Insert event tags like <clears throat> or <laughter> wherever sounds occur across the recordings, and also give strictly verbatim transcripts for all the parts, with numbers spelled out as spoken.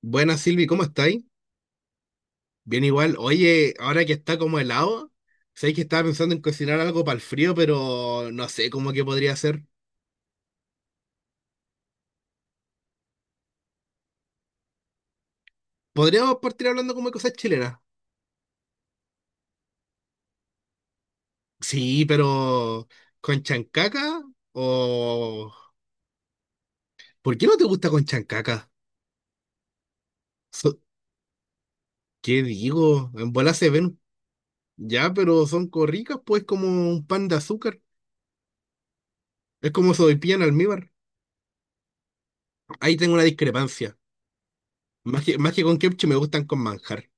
Buenas Silvi, ¿cómo estáis? Bien igual. Oye, ahora que está como helado, sabéis que estaba pensando en cocinar algo para el frío, pero no sé cómo que podría ser. Podríamos partir hablando como de cosas chilenas. Sí, pero con chancaca o... ¿Por qué no te gusta con chancaca? So- ¿Qué digo? En bola se ven. Ya, pero son corricas, pues como un pan de azúcar. Es como sopaipilla en almíbar. Ahí tengo una discrepancia. Más que, más que con ketchup me gustan con manjar.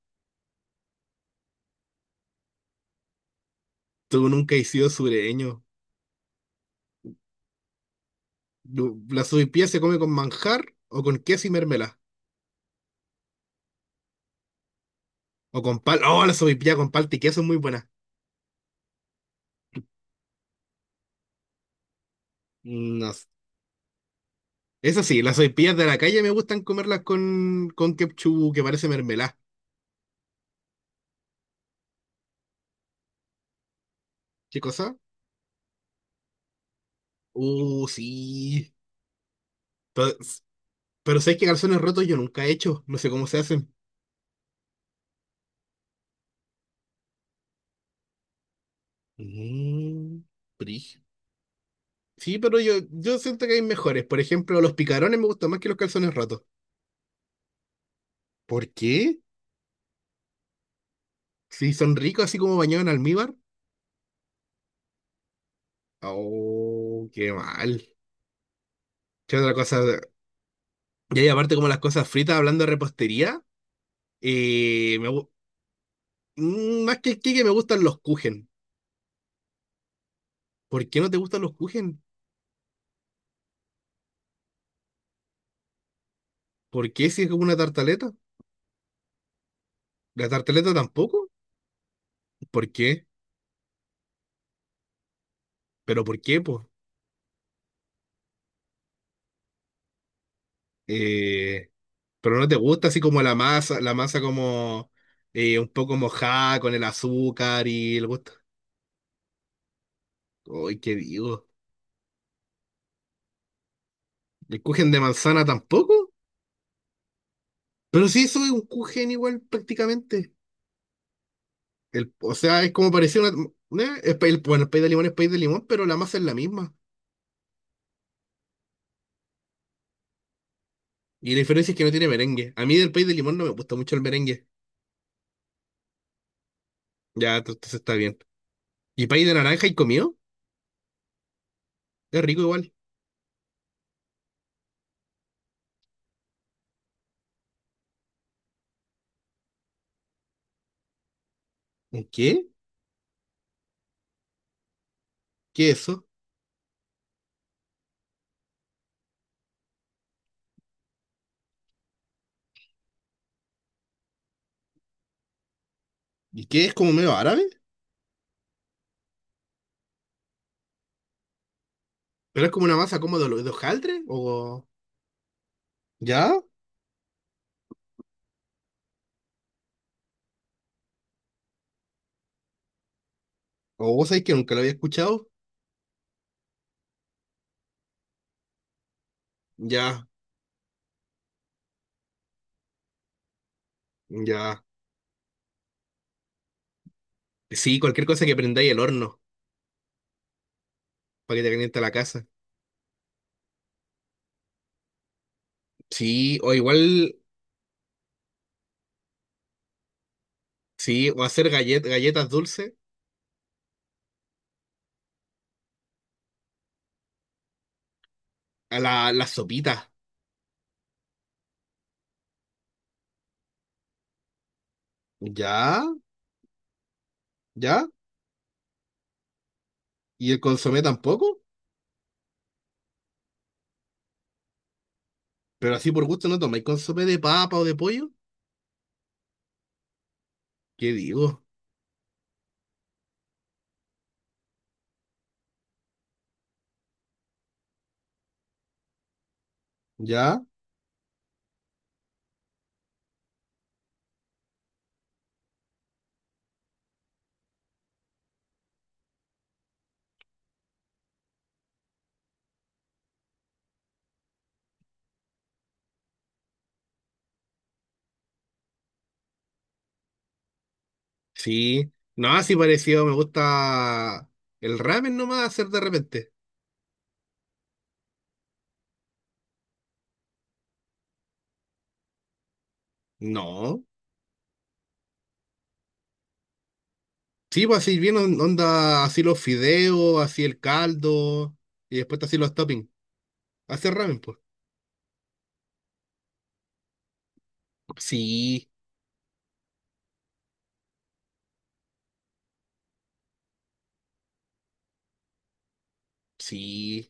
Tú nunca has sido sureño. Du- ¿La sopaipilla se come con manjar o con queso y mermelada? O con pal. Oh, la sopaipilla con palta y queso es muy buena. No. sé. Eso sí, las sopaipillas de la calle me gustan comerlas con, con ketchup que parece mermelada. ¿Qué cosa? Uh, sí. Pero, pero sé que calzones rotos yo nunca he hecho. No sé cómo se hacen. Mm, brígido. Sí, pero yo, yo siento que hay mejores. Por ejemplo, los picarones me gustan más que los calzones rotos. ¿Por qué? Si son ricos así como bañados en almíbar. Oh, qué mal. ¿Qué otra cosa? Y ahí aparte como las cosas fritas, hablando de repostería, eh, me gu- mm, más que el que me gustan los kuchen. ¿Por qué no te gustan los kuchen? ¿Por qué si es como una tartaleta? ¿La tartaleta tampoco? ¿Por qué? ¿Pero por qué, pues? Eh, pero no te gusta así como la masa, la masa como eh, un poco mojada con el azúcar y el gusto. Uy, ¿qué digo? ¿El kuchen de manzana tampoco? Pero sí, soy un kuchen igual prácticamente. El, o sea, es como parecía una. una- es pa- el- bueno, el país de limón es país de limón, pero la masa es la misma. Y la diferencia es que no tiene merengue. A mí del país de limón no me gusta mucho el merengue. Ya, ent- entonces está bien. ¿Y país de naranja y comido? Es rico igual. ¿Un qué? ¿Qué es eso? ¿Y qué es como medio árabe? ¿Pero es como una masa como de, lo- de hojaldre? ¿O ya? ¿O vos sabés que nunca lo había escuchado? Ya, ya. Sí, cualquier cosa que prendáis el horno para que te caliente la casa. Sí, o igual, sí, o hacer gallet- galletas dulces. A la, las sopitas. Ya, ya. ¿Y el consomé tampoco? Pero así por gusto no tomáis consomé de papa o de pollo. ¿Qué digo? Ya, sí. No, así parecido, me gusta el ramen nomás hacer de repente. No. Sí, pues así bien on- onda, así los fideos, así el caldo, y después así los toppings. Hacer ramen, pues. Sí, sí.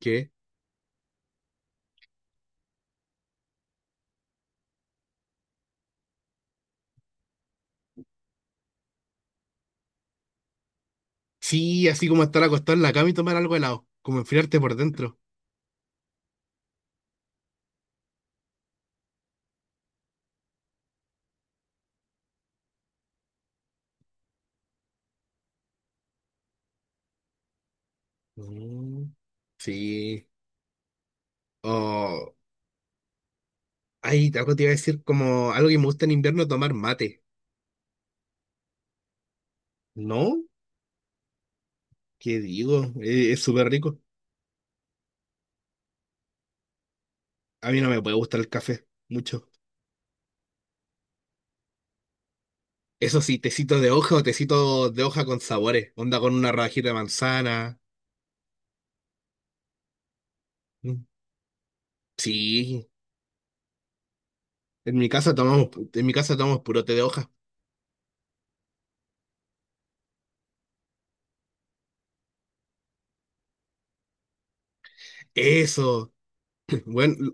¿Qué? Sí, así como estar acostado en la cama y tomar algo helado, como enfriarte por dentro. Mm, sí. Oh, ay, algo te iba a decir como algo que me gusta en invierno, tomar mate. ¿No? ¿Qué digo? Eh, Es súper rico. A mí no me puede gustar el café, mucho. Eso sí, tecito de hoja o tecito de hoja con sabores. Onda con una rajita de manzana. Mm, sí, en mi casa tomamos, en mi casa tomamos puro té de hoja. Eso. <clears throat> Bueno, l-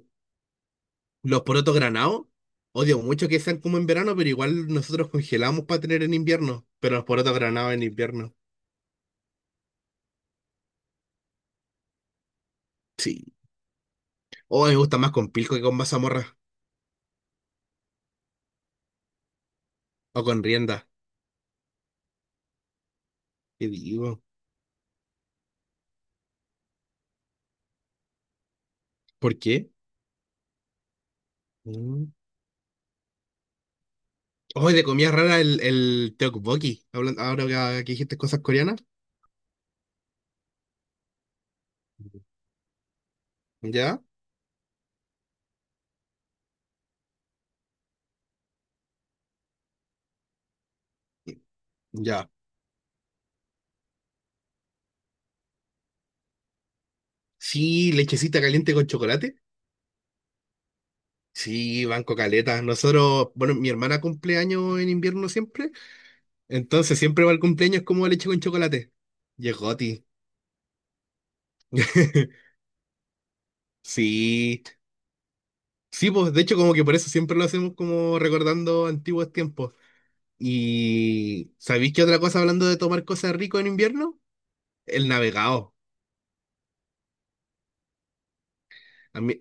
los porotos granados, odio mucho que sean como en verano, pero igual nosotros congelamos para tener en invierno. Pero los porotos granados en invierno. Sí. Oh, me gusta más con pilco que con mazamorra. O con rienda. ¿Qué digo? ¿Por qué? Mm. Oh, y de comida rara el, el tteokbokki. Hablan- Ahora que, que dijiste cosas coreanas. ¿Ya? Ya. Sí, lechecita caliente con chocolate. Sí, banco caleta. Nosotros, bueno, mi hermana cumpleaños en invierno siempre. Entonces siempre va al cumpleaños como leche con chocolate. Y es goti. <laughs> Sí. Sí, pues de hecho como que por eso siempre lo hacemos como recordando antiguos tiempos. Y ¿sabéis qué otra cosa hablando de tomar cosas ricas en invierno? El navegado. A mí-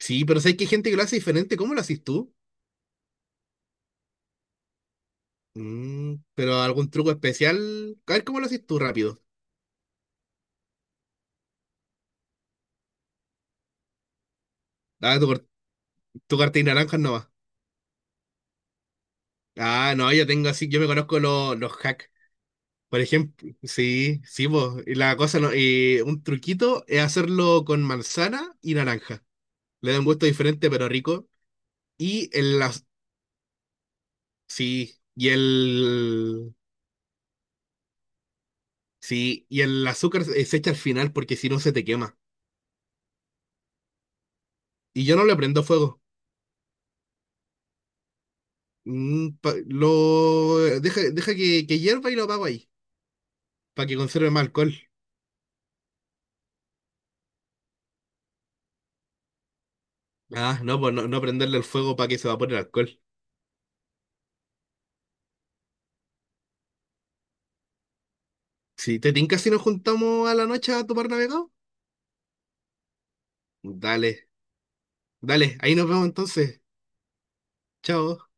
Sí, pero sé que hay gente que lo hace diferente. ¿Cómo lo haces tú? Mm, pero algún truco especial. A ver, ¿cómo lo haces tú rápido? Ah, tu, cor- tu cartilla naranja no va. Ah, no, yo tengo así, yo me conozco los, los hacks. Por ejemplo, sí, sí, vos. Y la cosa no, y un truquito es hacerlo con manzana y naranja. Le da un gusto diferente, pero rico. Y el, las- sí, y el sí, y el azúcar se se echa al final porque si no se te quema. Y yo no le prendo fuego. Mm, pa- lo eh, deja, deja que, que hierva y lo apago ahí, para que conserve más alcohol. Ah, no, pues no, no prenderle el fuego para que se evapore el alcohol. Si te tinca si nos juntamos a la noche a tomar navegado, dale, dale, ahí nos vemos entonces. Chao.